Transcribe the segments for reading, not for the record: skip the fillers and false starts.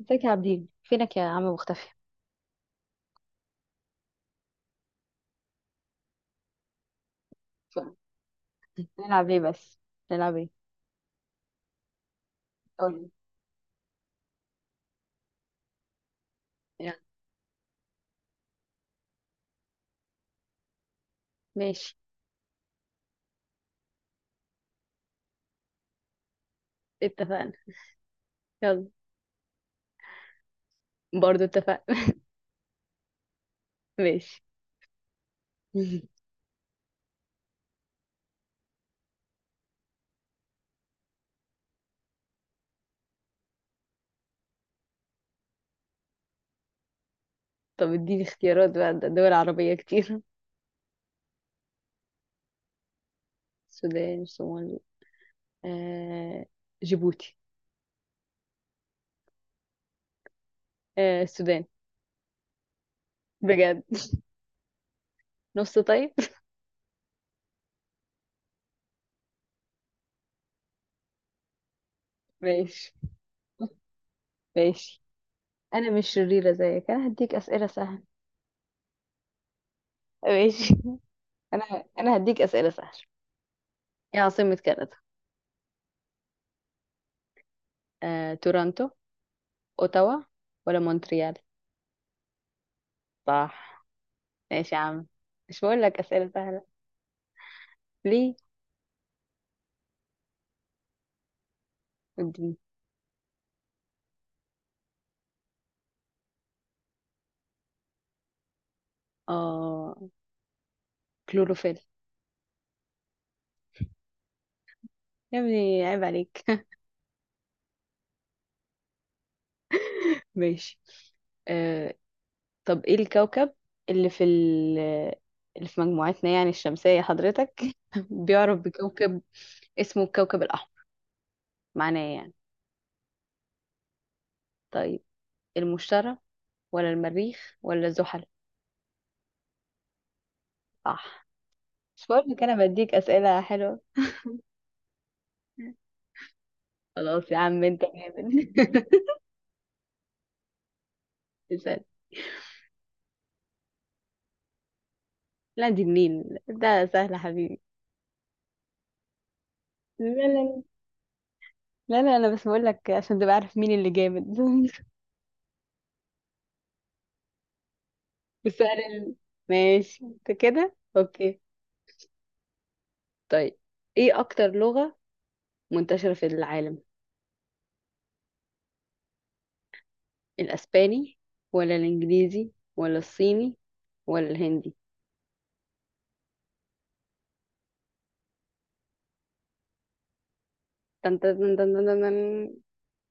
ازيك يا عابدين؟ فينك يا عم؟ مختفي! ف- نلعب ايه بس؟ نلعب ايه؟ قولي. يعني ماشي، اتفقنا. يلا، برضو اتفقنا. ماشي. طب اديني اختيارات بقى، ده دول عربية كتير. السودان، الصومال، آه... جيبوتي. السودان. بجد؟ نص طيب. ماشي. ماشي، انا مش شريرة زيك، انا هديك اسئلة سهلة. ماشي. انا هديك اسئلة سهلة. ايه عاصمة كندا؟ تورونتو، اوتاوا، ولا مونتريال؟ صح. ماشي يا عم، مش بقول لك أسئلة سهلة؟ ليه؟ اديني. اه، كلوروفيل. يا ابني عيب عليك! ماشي. آه طب ايه الكوكب اللي في ال اللي في مجموعتنا يعني الشمسية، حضرتك بيعرف بكوكب اسمه الكوكب الأحمر، معناه إيه يعني؟ طيب، المشتري ولا المريخ ولا زحل؟ صح. مش بقول لك انا بديك أسئلة حلوة؟ خلاص يا عم، انت جامد. اسأل. لا، دي النيل، ده سهل يا حبيبي. لا لا لا لا لا، انا بس بقول لك عشان تبقى عارف مين اللي جامد. والسؤال ال... ماشي، انت كده اوكي. طيب، ايه اكتر لغة منتشرة في العالم؟ الاسباني ولا الانجليزي ولا الصيني ولا الهندي؟ تن تن تن تن تن تن.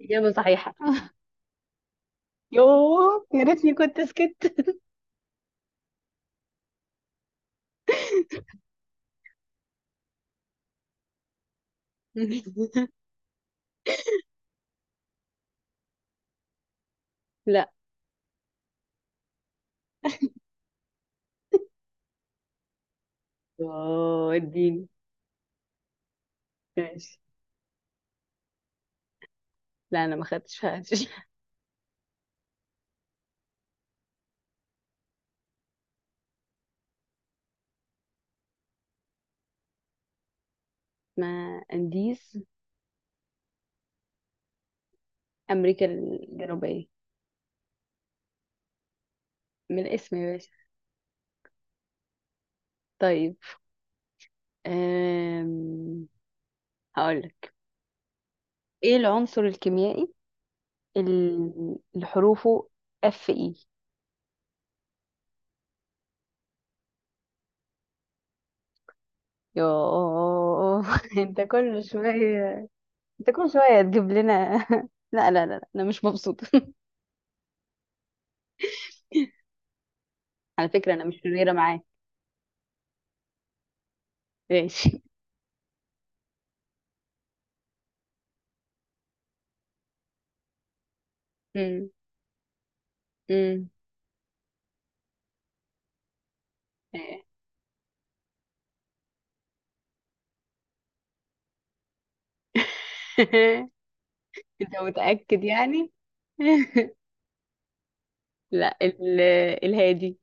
اجابة صحيحة. يوه، يا ريتني كنت سكت. لا. اوه، اديني. ماشي. لا، انا ما خدتش فيها. ما انديز، امريكا الجنوبية. من الاسم يا باشا. طيب، أم... هقولك. ايه العنصر الكيميائي اللي حروفه اف اي؟ يوه انت كل شوية، انت كل شوية تجيب لنا. لا لا لا لا، انا مش مبسوطة. على فكرة انا مش شريرة معاك. ماشي. أم، أم، إيه. انت متأكد يعني؟ لا، الهادي.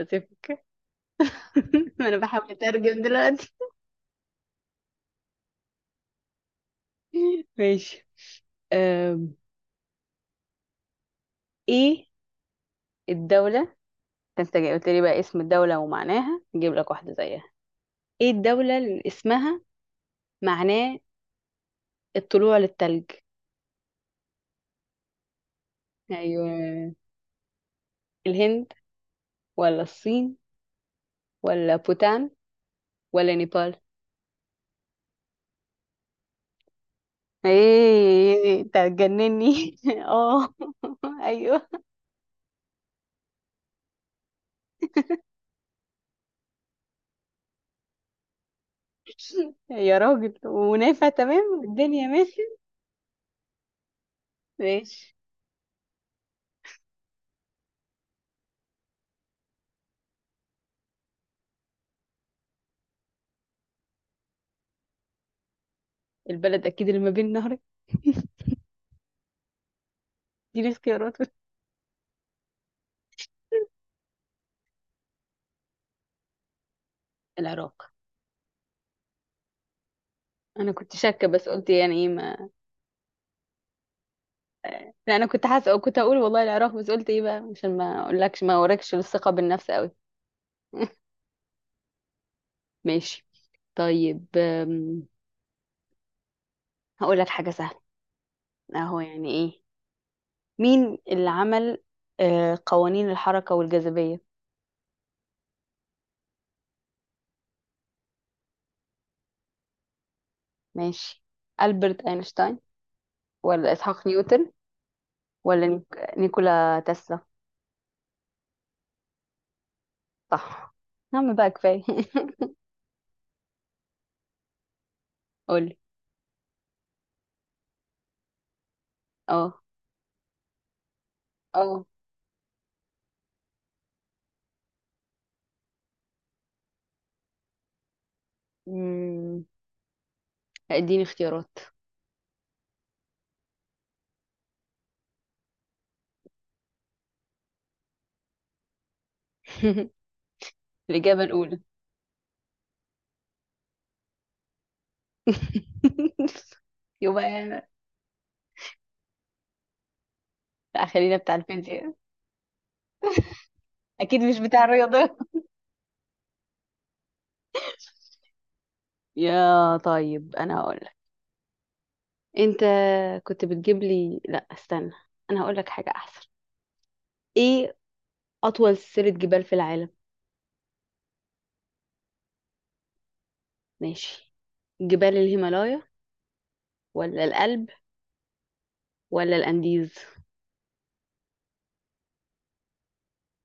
بتفك؟ انا بحاول اترجم دلوقتي. ماشي. أم، ايه الدولة؟ انت جاي قلت لي بقى اسم الدولة ومعناها، نجيب لك واحدة زيها. ايه الدولة اللي اسمها معناه الطلوع للتلج؟ ايوه، الهند ولا الصين ولا بوتان ولا نيبال؟ ايه، انت هتجنني! اه. ايوه. يا راجل، ونافع تمام والدنيا ماشي. ماشي. البلد اكيد اللي ما بين نهرين. دي اختيارات. العراق. انا كنت شاكه، بس قلت يعني ايه ما. لا، انا كنت حاسه، كنت اقول والله العراق، بس قلت ايه بقى عشان ما اقولكش، ما اوريكش الثقه بالنفس قوي. ماشي. طيب، هقول لك حاجه سهله. اهو يعني ايه. مين اللي عمل قوانين الحركه والجاذبيه؟ ماشي. البرت اينشتاين ولا اسحاق نيوتن ولا نيكولا تسلا؟ صح. يا عم بقى كفايه! قولي. اه، اه. أمم، اديني اختيارات. الاجابه الاولى. يبقى لا، خلينا بتاع الفيزياء. اكيد مش بتاع الرياضه. يا طيب، انا هقول لك. انت كنت بتجيب لي، لا استنى، انا هقول لك حاجه احسن. ايه اطول سلسله جبال في العالم؟ ماشي. جبال الهيمالايا ولا الألب ولا الأنديز؟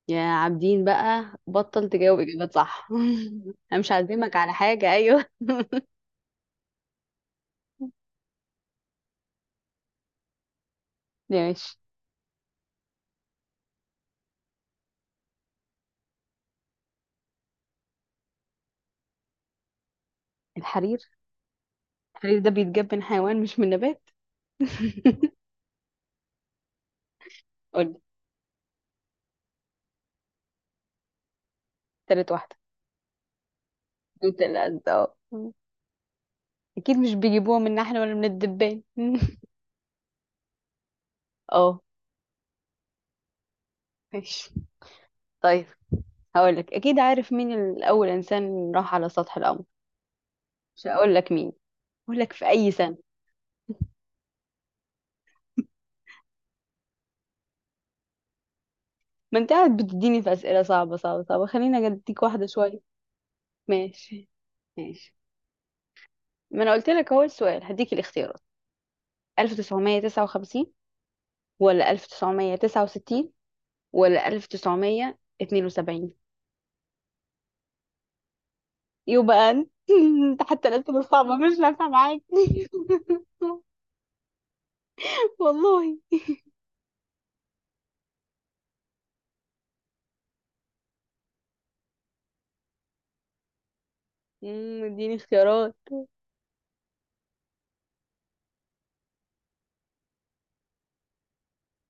يا عابدين بقى، بطل تجاوب إجابات صح! أنا مش هعزمك على حاجة، أيوه. ماشي. الحرير. الحرير ده بيتجاب من حيوان مش من نبات. قولي. تالت واحدة. قلت الأسد، اه. اكيد مش بيجيبوها من احنا ولا من الدبان. اه. ماشي. طيب، هقولك اكيد عارف مين الاول انسان راح على سطح القمر. مش هقولك مين، هقولك في اي سنة. ما انت قاعد بتديني في اسئلة صعبة صعبة صعبة، خليني اديك واحدة شوية. ماشي. ماشي. ما انا قلت لك اهو السؤال، هديك الاختيارات. 1959 ولا 1969 ولا 1972؟ يبقى انت انت حتى الاسئلة الصعبة مش نافعة معاك. والله. اديني اختيارات.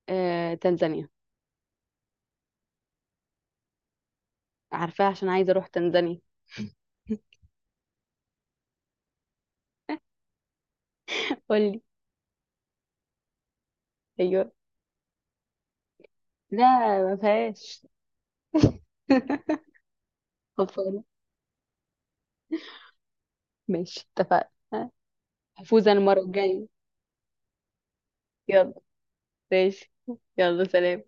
تنزانيا. عارفاها عشان عايزة اروح تنزانيا. قولي. ايوه. لا، ما فيهاش. خلصانة. ماشي، اتفقنا. هفوز انا المرة الجاية. يلا. ماشي. يلا، سلام.